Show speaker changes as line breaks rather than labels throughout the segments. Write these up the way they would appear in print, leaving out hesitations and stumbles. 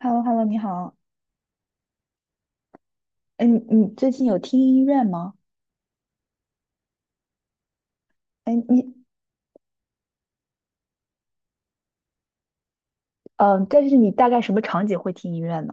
h e l l o h e l l o 你好。哎，你最近有听音乐吗？哎，你但是你大概什么场景会听音乐呢？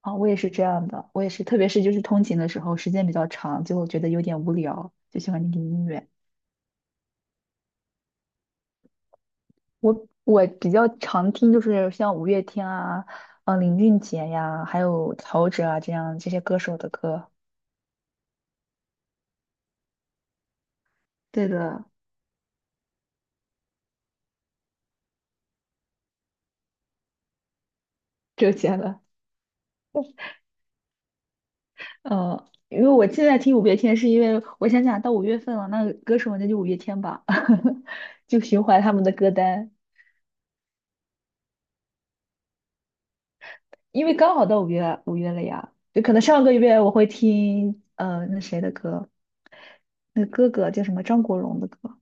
啊、我也是这样的，我也是，特别是就是通勤的时候，时间比较长，就觉得有点无聊，就喜欢听听音乐。我比较常听就是像五月天啊，林俊杰呀，还有陶喆啊这样这些歌手的歌。对的，周杰伦。呃，因为我现在听五月天，是因为我想到五月份了，那歌手那就五月天吧，就循环他们的歌单，因为刚好到五月了呀，就可能上个月我会听那谁的歌，那哥哥叫什么张国荣的歌，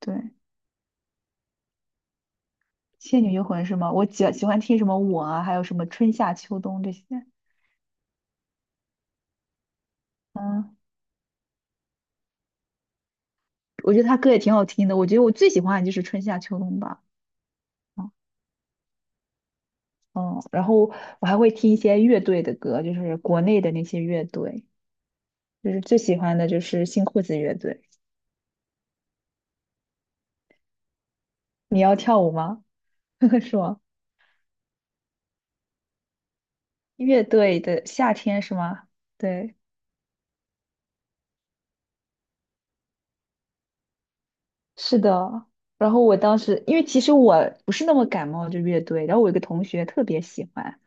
对，《倩女幽魂》是吗？我喜欢听什么我啊，还有什么春夏秋冬这些，嗯，我觉得他歌也挺好听的，我觉得我最喜欢的就是春夏秋冬吧。嗯，嗯然后我还会听一些乐队的歌，就是国内的那些乐队。就是最喜欢的就是新裤子乐队。你要跳舞吗？是吗？乐队的夏天是吗？对，是的。然后我当时，因为其实我不是那么感冒这乐队，然后我有个同学特别喜欢，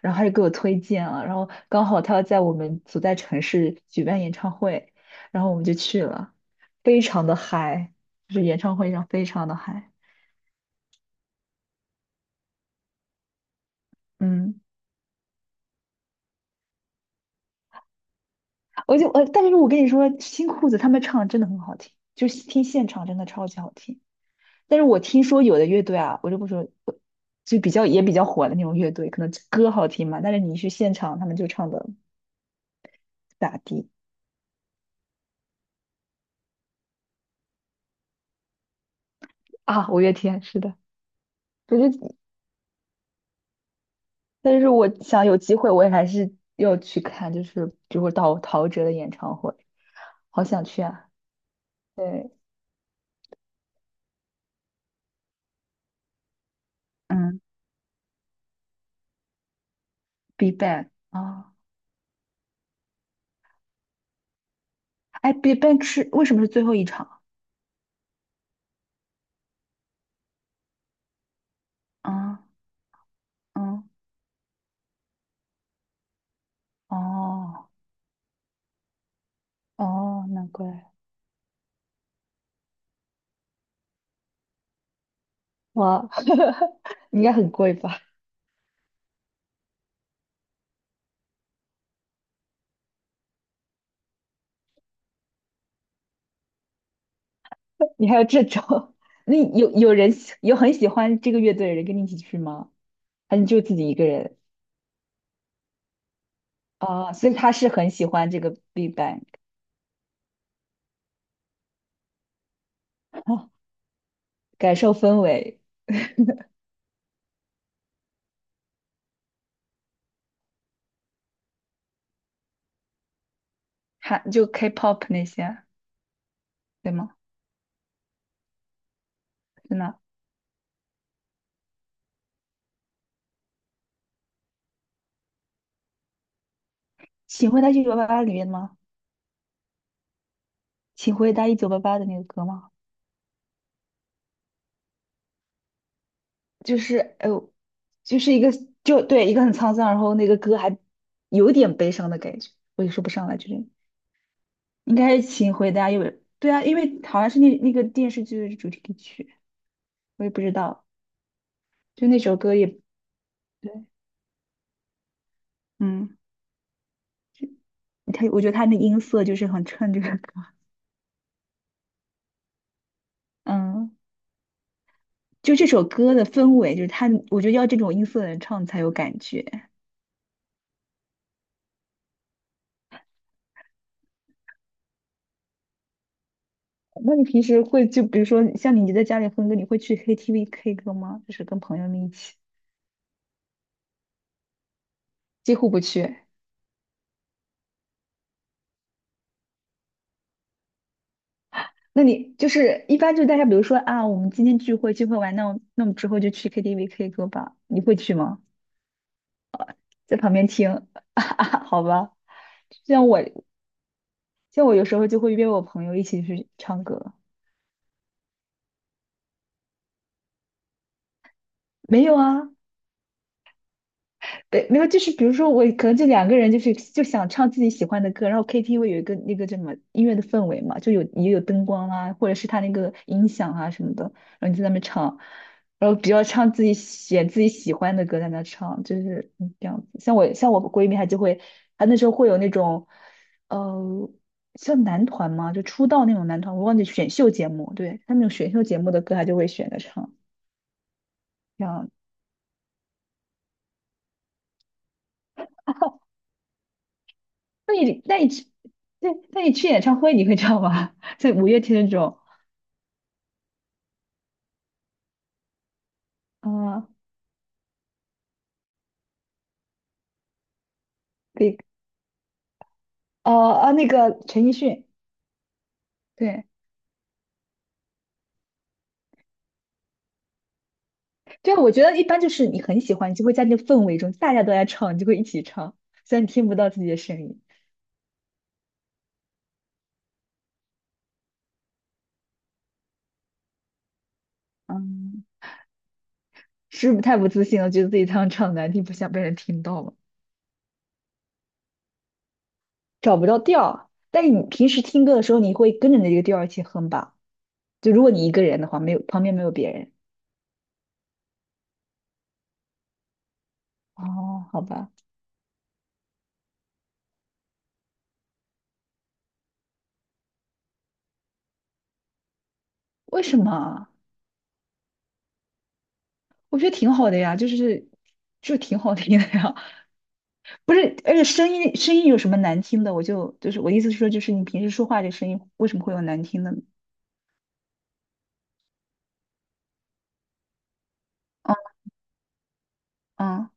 然后他就给我推荐了，然后刚好他要在我们所在城市举办演唱会，然后我们就去了，非常的嗨，就是演唱会上非常的嗨。嗯，我就但是我跟你说，新裤子他们唱得真的很好听，就是听现场真的超级好听。但是我听说有的乐队啊，我就不说，就比较也比较火的那种乐队，可能歌好听嘛，但是你去现场，他们就唱的不咋地啊。五月天是的，可是但是我想有机会，我也还是要去看，就是比如说陶喆的演唱会，好想去啊。对，嗯 b e b a c k 啊，哎 b e b a c k 是为什么是最后一场啊？嗯，哦哦，难怪哇，应该很贵吧？你还有这种？那有很喜欢这个乐队的人跟你一起去吗？还是就自己一个人？啊、所以他是很喜欢这个 Big Bang，感受氛围，还就 K-pop 那些，对吗？真的，《请回答一九八八》里面的吗？《请回答一九八八》的那个歌吗？就是哎呦，就是一个就对一个很沧桑，然后那个歌还有点悲伤的感觉，我也说不上来，就是应该是请回答，因为对啊，因为好像是那那个电视剧的主题曲。我也不知道，就那首歌也对，嗯，他我觉得他那音色就是很衬这个歌 嗯，就这首歌的氛围，就是他，我觉得要这种音色的人唱才有感觉。那你平时会就比如说像你在家里哼歌，你会去 KTV K 歌吗？就是跟朋友们一起，几乎不去。那你就是一般就是大家比如说啊，我们今天聚会完，那我们之后就去 KTV K 歌吧，你会去吗？在旁边听，好吧。像我像我有时候就会约我朋友一起去唱歌。没有啊，对，没有，就是比如说我可能就两个人，就是就想唱自己喜欢的歌，然后 KTV 有一个那个叫什么音乐的氛围嘛，就有也有灯光啊，或者是他那个音响啊什么的，然后你就在那边唱，然后比较唱自己选自己喜欢的歌在那唱，就是嗯这样子。像我闺蜜，她就会，她那时候会有那种，呃，像男团嘛，就出道那种男团，我忘记选秀节目，对，他那种选秀节目的歌，她就会选着唱。这样，那你那你去，对，那你去演唱会你会唱吗？在五月天那种，啊、可以，哦啊，那个陈奕迅，对对，我觉得一般就是你很喜欢，你就会在那个氛围中，大家都在唱，你就会一起唱，虽然你听不到自己的声音，嗯，是不是太不自信了？觉得自己唱唱难听，不想被人听到吗？找不到调儿。但是你平时听歌的时候，你会跟着那个调儿一起哼吧？就如果你一个人的话，没有旁边没有别人，哦，好吧，为什么啊？我觉得挺好的呀，就挺好听的呀，不是，而且声音声音有什么难听的？就是我意思是说，就是你平时说话这声音为什么会有难听的啊啊！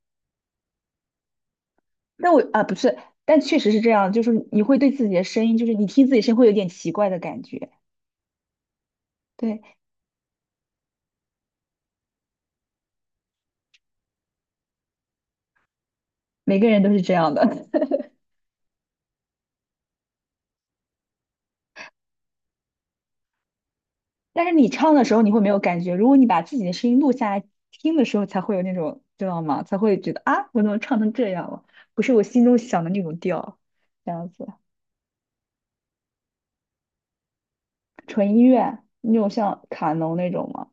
啊不是，但确实是这样，就是你会对自己的声音，就是你听自己声音会有点奇怪的感觉，对，每个人都是这样的。但是你唱的时候你会没有感觉，如果你把自己的声音录下来听的时候，才会有那种知道吗？才会觉得啊，我怎么唱成这样了？不是我心中想的那种调，这样子。纯音乐那种像卡农那种吗？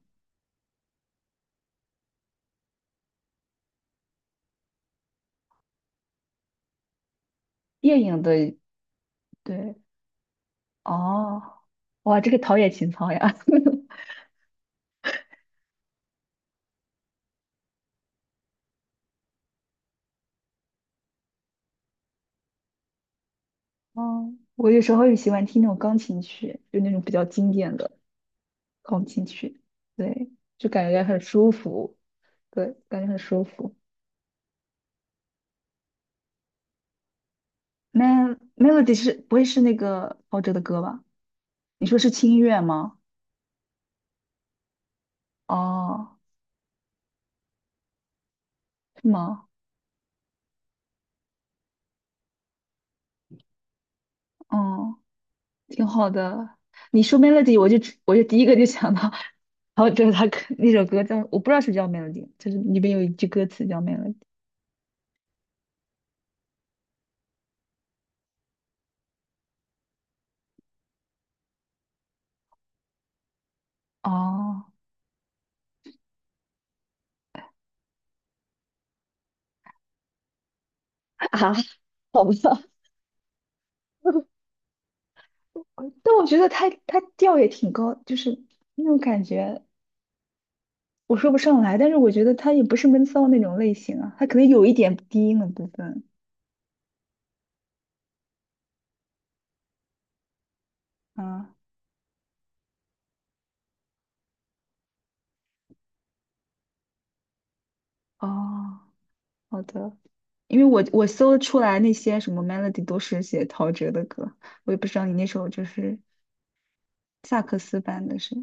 电影的，对，哦，哇，这个陶冶情操呀！哦，我有时候也喜欢听那种钢琴曲，就那种比较经典的钢琴曲，对，就感觉很舒服，对，感觉很舒服。那 Melody 是不会是那个陶喆的歌吧？你说是轻音乐吗？哦，是吗？哦。挺好的。你说 melody，我就第一个就想到，然后就是他可那首歌叫，我不知道是不是叫 melody，就是里边有一句歌词叫 melody。哦 啊，好吧，但我觉得他调也挺高，就是那种感觉我说不上来，但是我觉得他也不是闷骚那种类型啊，他可能有一点低音的部分。嗯，哦，好的，因为我搜出来那些什么 melody 都是写陶喆的歌，我也不知道你那首就是萨克斯版的是。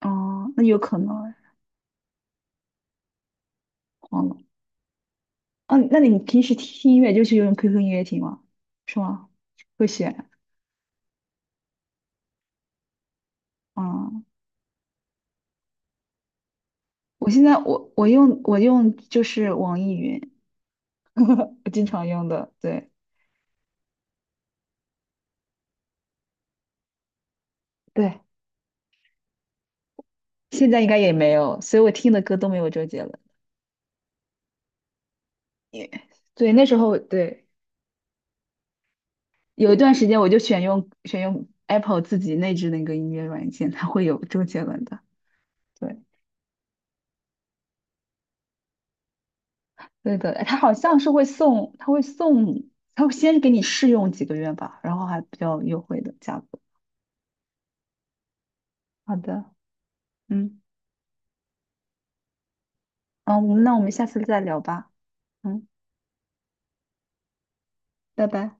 哦，那有可能哎忘了。哦，那你平时听音乐就是用 QQ 音乐听吗？是吗？会选？嗯，我现在我我用我用就是网易云，我经常用的。对对，现在应该也没有，所以我听的歌都没有周杰伦。也对，那时候对，有一段时间我就选用 Apple 自己内置那个音乐软件，它会有周杰伦的。对，对的，哎他好像是会送，他会先给你试用几个月吧，然后还比较优惠的价格。好的，嗯，嗯，我们下次再聊吧，嗯，拜拜。